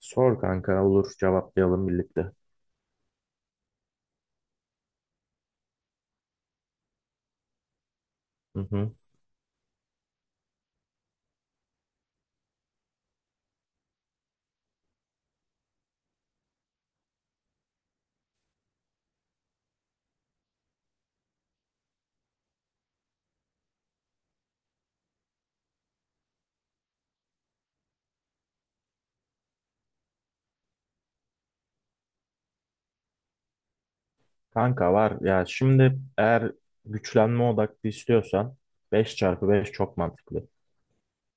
Sor kanka olur cevaplayalım birlikte. Hı hı. Kanka var ya şimdi eğer güçlenme odaklı istiyorsan 5x5 çok mantıklı.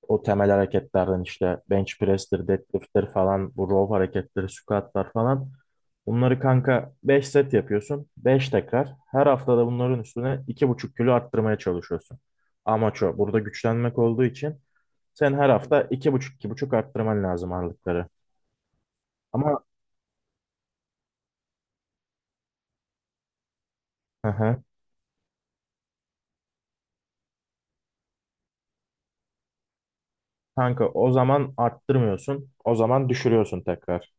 O temel hareketlerden işte bench press'tir, deadlift'tir falan bu row hareketleri, squat'lar falan. Bunları kanka 5 set yapıyorsun. 5 tekrar. Her haftada bunların üstüne 2,5 kilo arttırmaya çalışıyorsun. Amaç o. Burada güçlenmek olduğu için sen her hafta 2,5-2,5 arttırman lazım ağırlıkları. Ama hı hı. Kanka o zaman arttırmıyorsun. O zaman düşürüyorsun tekrar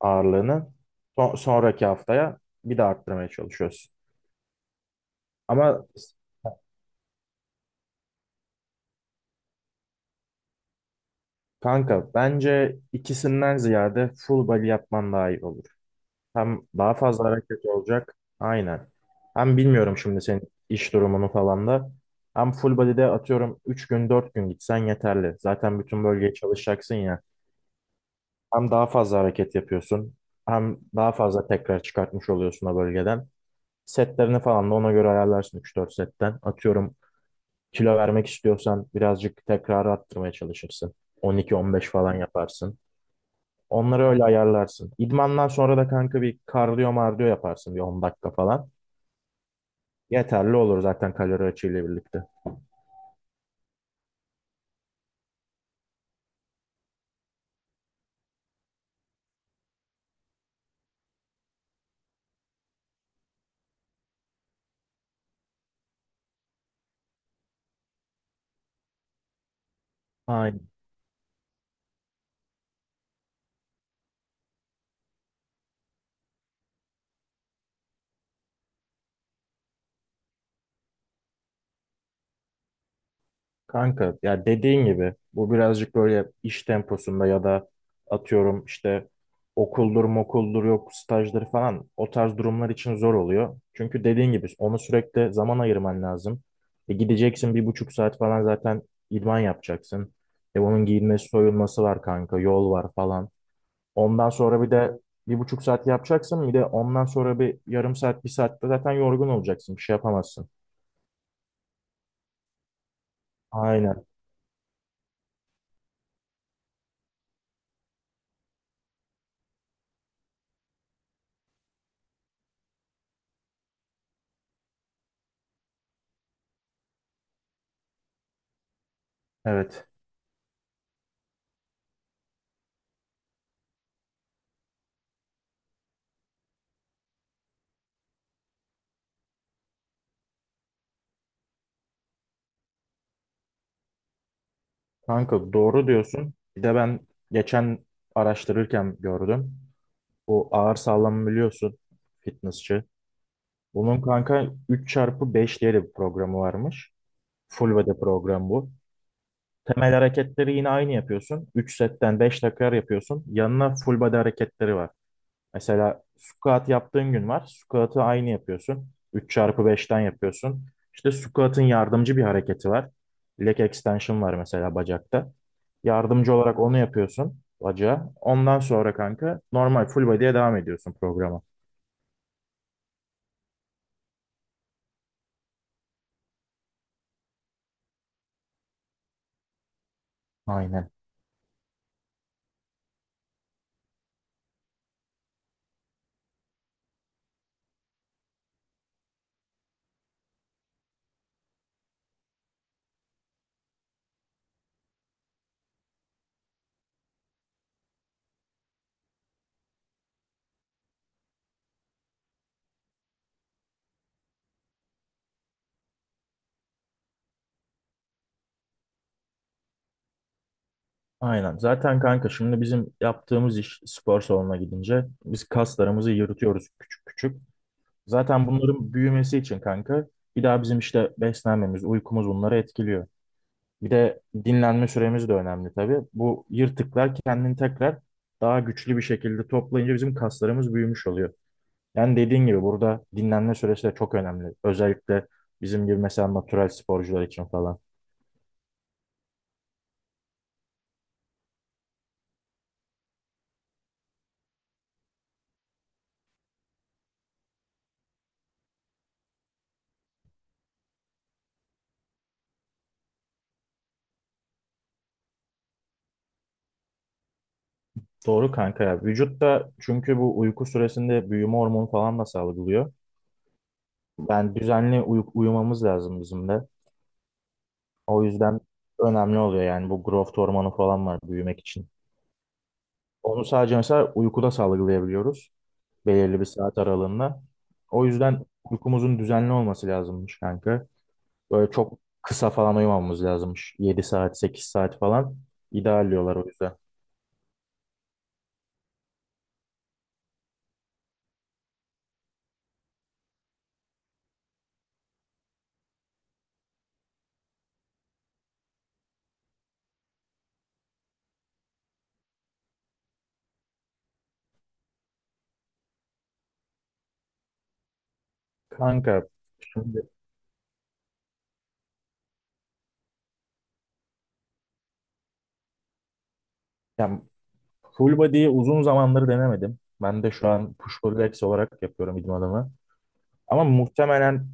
ağırlığını. Sonraki haftaya bir de arttırmaya çalışıyorsun. Ama kanka bence ikisinden ziyade full body yapman daha iyi olur. Hem daha fazla hareket olacak. Aynen. Hem bilmiyorum şimdi senin iş durumunu falan da. Hem full body'de atıyorum 3 gün 4 gün gitsen yeterli. Zaten bütün bölgeye çalışacaksın ya. Hem daha fazla hareket yapıyorsun. Hem daha fazla tekrar çıkartmış oluyorsun o bölgeden. Setlerini falan da ona göre ayarlarsın üç dört setten. Atıyorum kilo vermek istiyorsan birazcık tekrar arttırmaya çalışırsın. 12-15 falan yaparsın. Onları öyle ayarlarsın. İdmandan sonra da kanka bir kardiyo mardiyo yaparsın bir 10 dakika falan. Yeterli olur zaten kalori açığıyla birlikte. Aynen. Kanka ya dediğin gibi bu birazcık böyle iş temposunda ya da atıyorum işte okuldur mokuldur yok stajdır falan o tarz durumlar için zor oluyor. Çünkü dediğin gibi onu sürekli zaman ayırman lazım. E gideceksin 1,5 saat falan zaten idman yapacaksın. E onun giyinmesi soyulması var kanka yol var falan. Ondan sonra bir de 1,5 saat yapacaksın bir de ondan sonra bir yarım saat bir saatte zaten yorgun olacaksın bir şey yapamazsın. Aynen evet. Kanka doğru diyorsun. Bir de ben geçen araştırırken gördüm. Bu ağır sağlam biliyorsun fitnessçi. Bunun kanka 3 çarpı 5 diye de bir programı varmış. Full body program bu. Temel hareketleri yine aynı yapıyorsun. 3 setten 5 tekrar yapıyorsun. Yanına full body hareketleri var. Mesela squat yaptığın gün var. Squat'ı aynı yapıyorsun. 3x5'ten yapıyorsun. İşte squat'ın yardımcı bir hareketi var. Leg extension var mesela bacakta. Yardımcı olarak onu yapıyorsun bacağa. Ondan sonra kanka normal full body'ye devam ediyorsun programa. Aynen. Aynen. Zaten kanka şimdi bizim yaptığımız iş spor salonuna gidince biz kaslarımızı yırtıyoruz küçük küçük. Zaten bunların büyümesi için kanka bir daha bizim işte beslenmemiz, uykumuz bunları etkiliyor. Bir de dinlenme süremiz de önemli tabii. Bu yırtıklar kendini tekrar daha güçlü bir şekilde toplayınca bizim kaslarımız büyümüş oluyor. Yani dediğin gibi burada dinlenme süresi de çok önemli. Özellikle bizim gibi mesela natural sporcular için falan. Doğru kanka ya. Vücut da çünkü bu uyku süresinde büyüme hormonu falan da salgılıyor. Yani düzenli uyumamız lazım bizim de. O yüzden önemli oluyor yani bu growth hormonu falan var büyümek için. Onu sadece mesela uykuda salgılayabiliyoruz. Belirli bir saat aralığında. O yüzden uykumuzun düzenli olması lazımmış kanka. Böyle çok kısa falan uyumamamız lazımmış. 7 saat, 8 saat falan ideal diyorlar o yüzden. Kanka şimdi yani full body'yi uzun zamandır denemedim. Ben de şu an push pull legs olarak yapıyorum idmanımı. Ama muhtemelen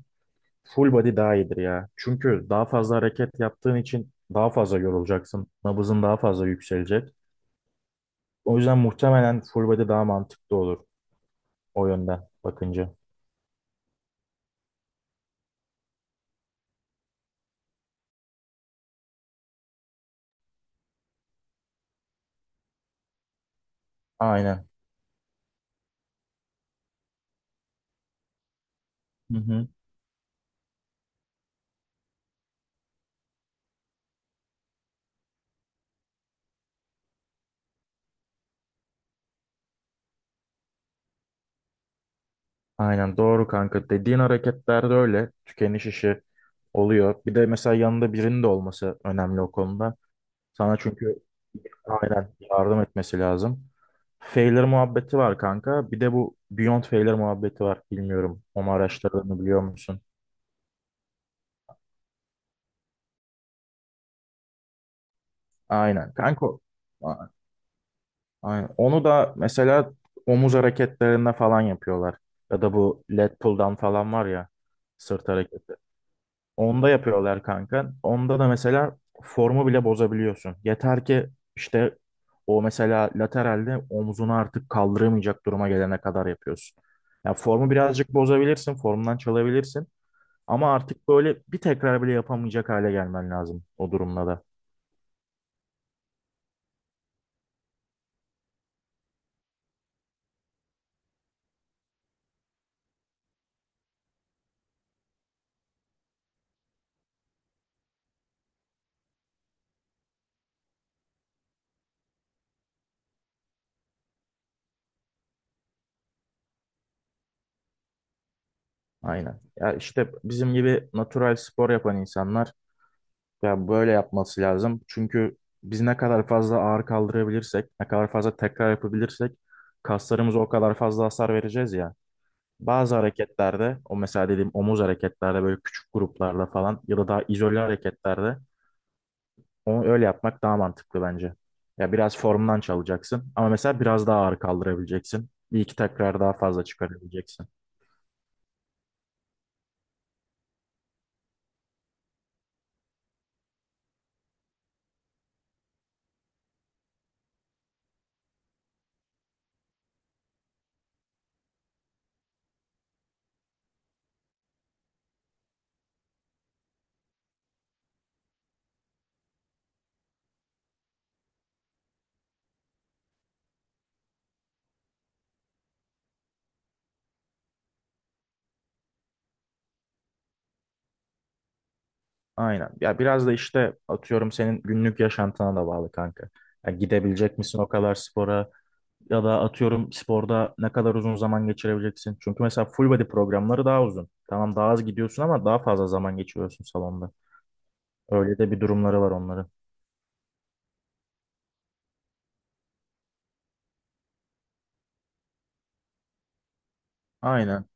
full body daha iyidir ya. Çünkü daha fazla hareket yaptığın için daha fazla yorulacaksın. Nabızın daha fazla yükselecek. O yüzden muhtemelen full body daha mantıklı olur o yönden bakınca. Aynen. Hı hı. Aynen doğru kanka. Dediğin hareketlerde öyle tükeniş işi oluyor. Bir de mesela yanında birinin de olması önemli o konuda. Sana çünkü aynen yardım etmesi lazım. Failure muhabbeti var kanka. Bir de bu Beyond Failure muhabbeti var. Bilmiyorum. Onu araştırdığını biliyor musun? Aynen kanka. a- Aynen. Onu da mesela omuz hareketlerinde falan yapıyorlar. Ya da bu lat pull'dan falan var ya sırt hareketi. Onda yapıyorlar kanka. Onda da mesela formu bile bozabiliyorsun. Yeter ki işte o mesela lateralde omzunu artık kaldıramayacak duruma gelene kadar yapıyorsun. Ya formu birazcık bozabilirsin, formdan çalabilirsin. Ama artık böyle bir tekrar bile yapamayacak hale gelmen lazım o durumda da. Aynen. Ya işte bizim gibi natural spor yapan insanlar ya böyle yapması lazım. Çünkü biz ne kadar fazla ağır kaldırabilirsek, ne kadar fazla tekrar yapabilirsek kaslarımıza o kadar fazla hasar vereceğiz ya. Bazı hareketlerde, o mesela dediğim omuz hareketlerde böyle küçük gruplarla falan ya da daha izole hareketlerde onu öyle yapmak daha mantıklı bence. Ya biraz formdan çalacaksın ama mesela biraz daha ağır kaldırabileceksin. Bir iki tekrar daha fazla çıkarabileceksin. Aynen. Ya biraz da işte atıyorum senin günlük yaşantına da bağlı kanka. Ya gidebilecek misin o kadar spora? Ya da atıyorum sporda ne kadar uzun zaman geçirebileceksin. Çünkü mesela full body programları daha uzun. Tamam daha az gidiyorsun ama daha fazla zaman geçiriyorsun salonda. Öyle de bir durumları var onların. Aynen.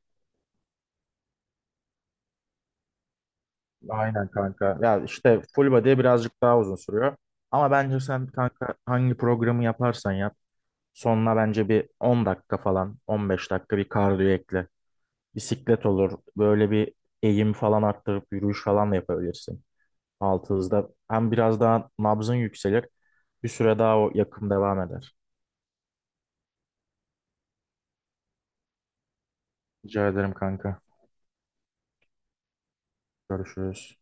Aynen kanka. Ya işte full body birazcık daha uzun sürüyor. Ama bence sen kanka hangi programı yaparsan yap. Sonuna bence bir 10 dakika falan 15 dakika bir kardiyo ekle. Bisiklet olur. Böyle bir eğim falan arttırıp yürüyüş falan da yapabilirsin. Altınızda. Hem biraz daha nabzın yükselir. Bir süre daha o yakım devam eder. Rica ederim kanka. Görüşürüz.